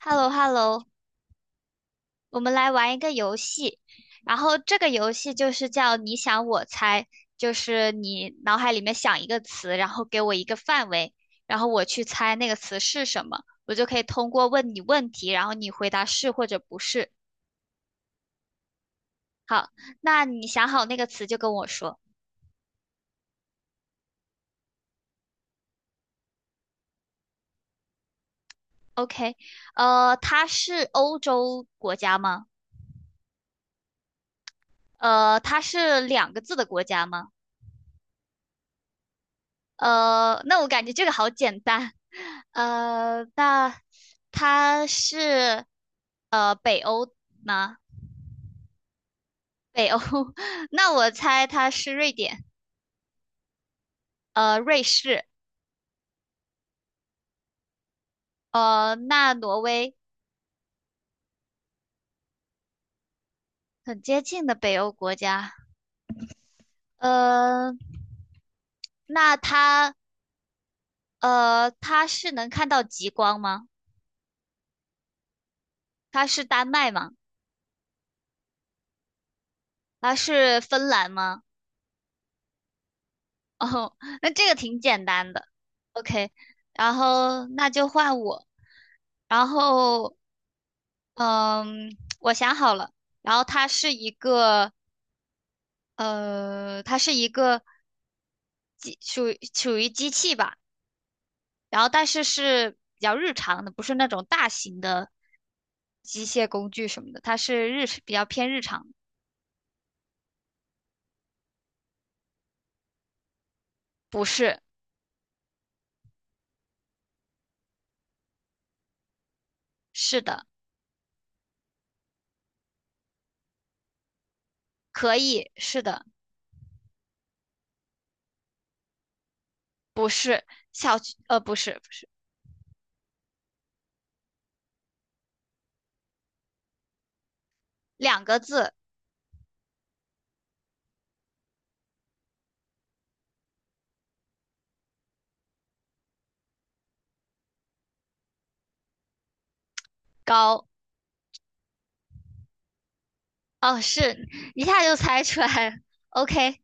h e l l o h e l l o 我们来玩一个游戏，然后这个游戏就是叫你想我猜，就是你脑海里面想一个词，然后给我一个范围，然后我去猜那个词是什么，我就可以通过问你问题，然后你回答是或者不是。好，那你想好那个词就跟我说。OK，它是欧洲国家吗？它是两个字的国家吗？那我感觉这个好简单。那它是北欧吗？北欧，那我猜它是瑞典，瑞士，那挪威很接近的北欧国家。呃，那它它是能看到极光吗？它是丹麦吗？它是芬兰吗？哦，那这个挺简单的。OK，然后那就换我。然后，嗯，我想好了。然后它是一个，它是一个机，属于机器吧。然后，但是是比较日常的，不是那种大型的机械工具什么的。它是日，比较偏日常的。不是，是的，可以，是的，不是，小区，不是，不是，两个字，高。哦，是，一下就猜出来了。OK，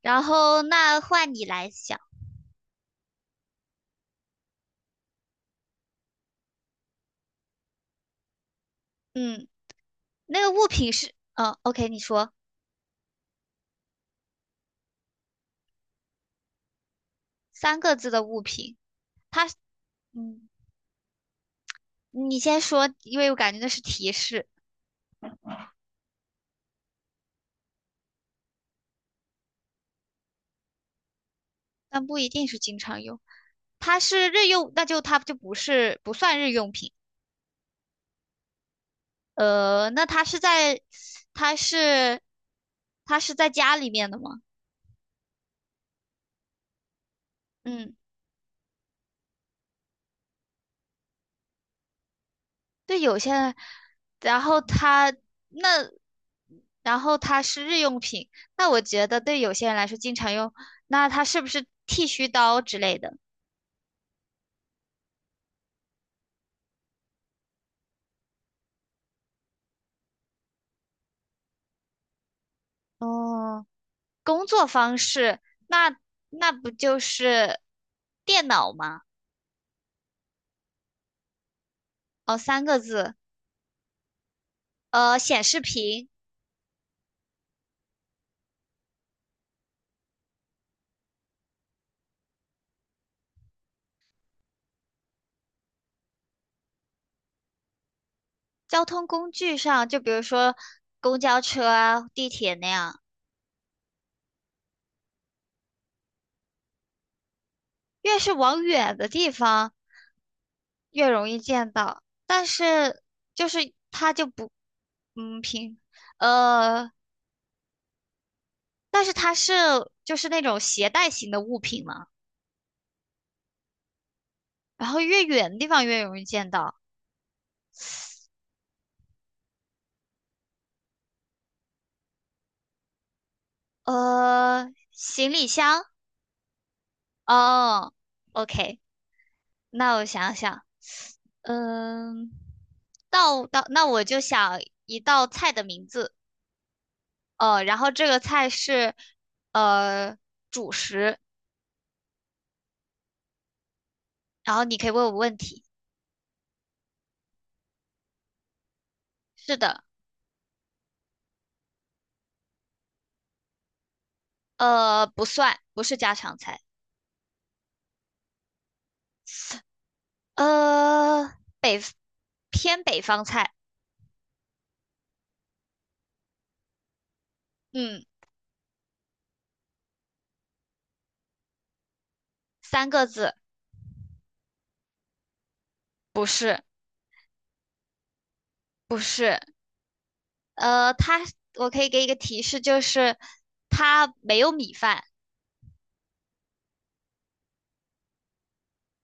然后那换你来想，嗯，那个物品是，嗯，OK，你说三个字的物品，嗯，你先说，因为我感觉那是提示，但不一定是经常用。它是日用，那就它就不是不算日用品。那它是在，它是，它是在家里面的吗？嗯，对，有些，人，然后它那，然后它是日用品，那我觉得对有些人来说经常用，那它是不是剃须刀之类的？哦，工作方式，那不就是电脑吗？哦，三个字，显示屏，交通工具上，就比如说公交车啊、地铁那样，越是往远的地方。越容易见到，但是就是它就不，嗯，平，呃，但是它是就是那种携带型的物品嘛，然后越远的地方越容易见到，行李箱，哦，OK，那我想想，嗯，那我就想一道菜的名字，哦，然后这个菜是呃主食，然后你可以问我问题，是的。不算，不是家常菜，呃，偏北方菜，嗯，三个字，不是，不是，呃，它，我可以给一个提示，就是它没有米饭，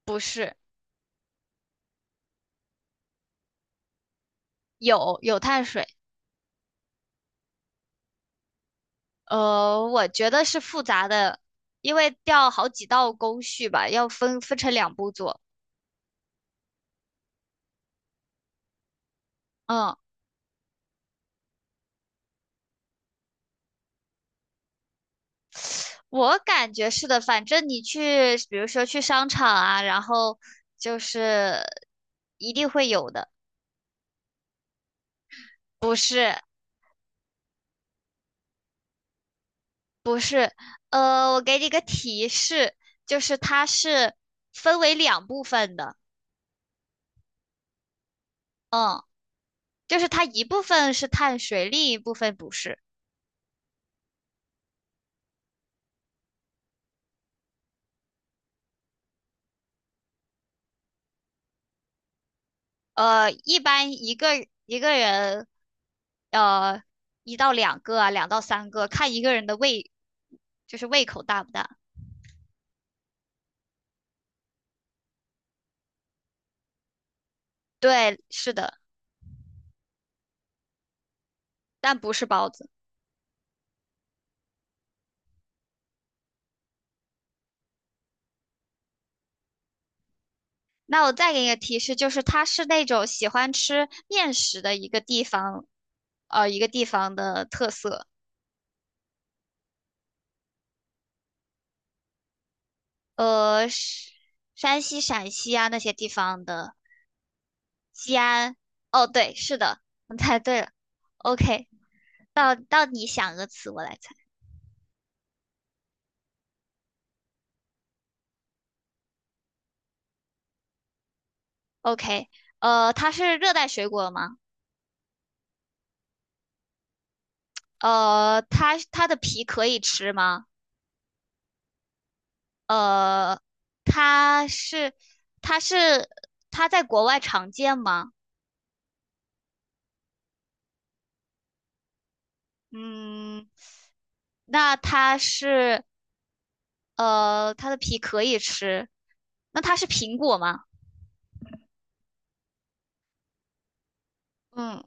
不是，有碳水，我觉得是复杂的，因为要好几道工序吧，要分成两步做，嗯，我感觉是的，反正你去，比如说去商场啊，然后就是一定会有的。是。不是，我给你个提示，就是它是分为两部分的，嗯，就是它一部分是碳水，另一部分不是。一般一个人，呃，一到两个啊，两到三个，看一个人的胃，就是胃口大不大。对，是的，但不是包子。那我再给你个提示，就是它是那种喜欢吃面食的一个地方，一个地方的特色。是山西、陕西啊那些地方的，西安。哦，对，是的，我猜对了。OK，到你想个词，我来猜。OK，它是热带水果吗？它的皮可以吃吗？呃，它是它是它在国外常见吗？嗯，那它是它的皮可以吃，那它是苹果吗？嗯。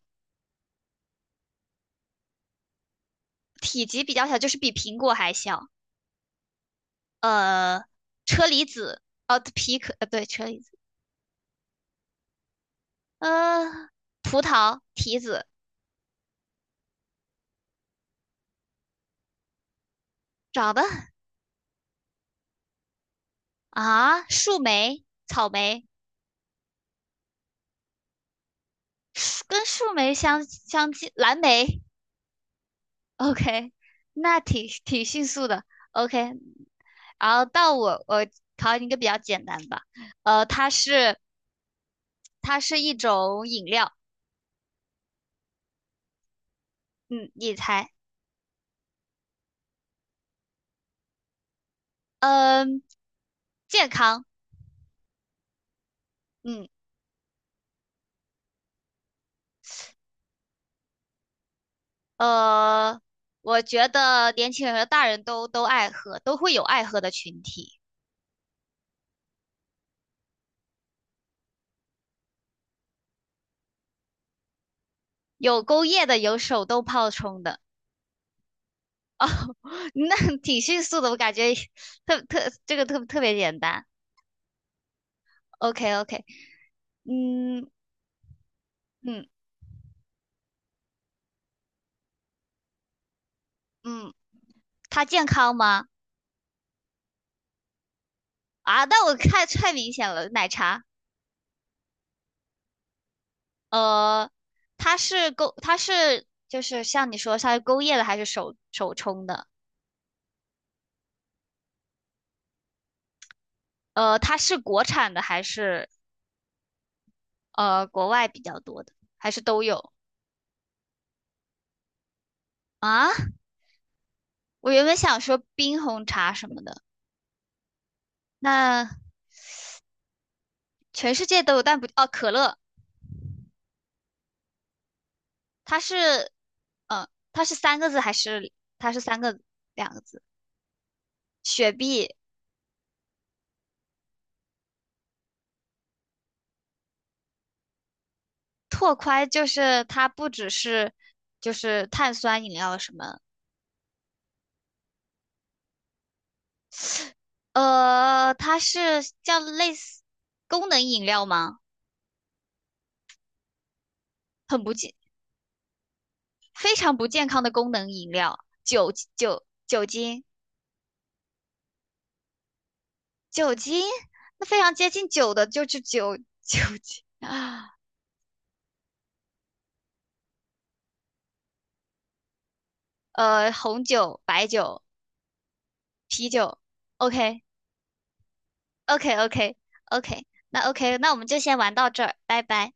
体积比较小，就是比苹果还小。呃，车厘子，哦，皮可，对，车厘子，呃，葡萄、提子，长得啊，树莓、草莓，树跟树莓相近，蓝莓。OK，那挺迅速的。OK，然后到我，我考你一个比较简单吧。它是一种饮料，嗯，你猜，嗯，健康，嗯。呃，我觉得年轻人和大人都爱喝，都会有爱喝的群体，有工业的，有手动泡冲的，那挺迅速的，我感觉特特这个特别简单。OK， OK，嗯嗯嗯，它健康吗？啊，那我看太明显了，奶茶。呃，它是就是像你说，它是勾业的还是手冲的？它是国产的还是国外比较多的，还是都有？啊，我原本想说冰红茶什么的，那全世界都有，但不，哦，可乐，它是，它是三个字还是它是三个两个字？雪碧、拓宽就是它不只是就是碳酸饮料什么，它是叫类似功能饮料吗？很不健，非常不健康的功能饮料，酒精，那非常接近酒的就是酒精。啊。红酒、白酒、啤酒。OK，OK，OK，OK，那 OK，那我们就先玩到这儿，拜拜。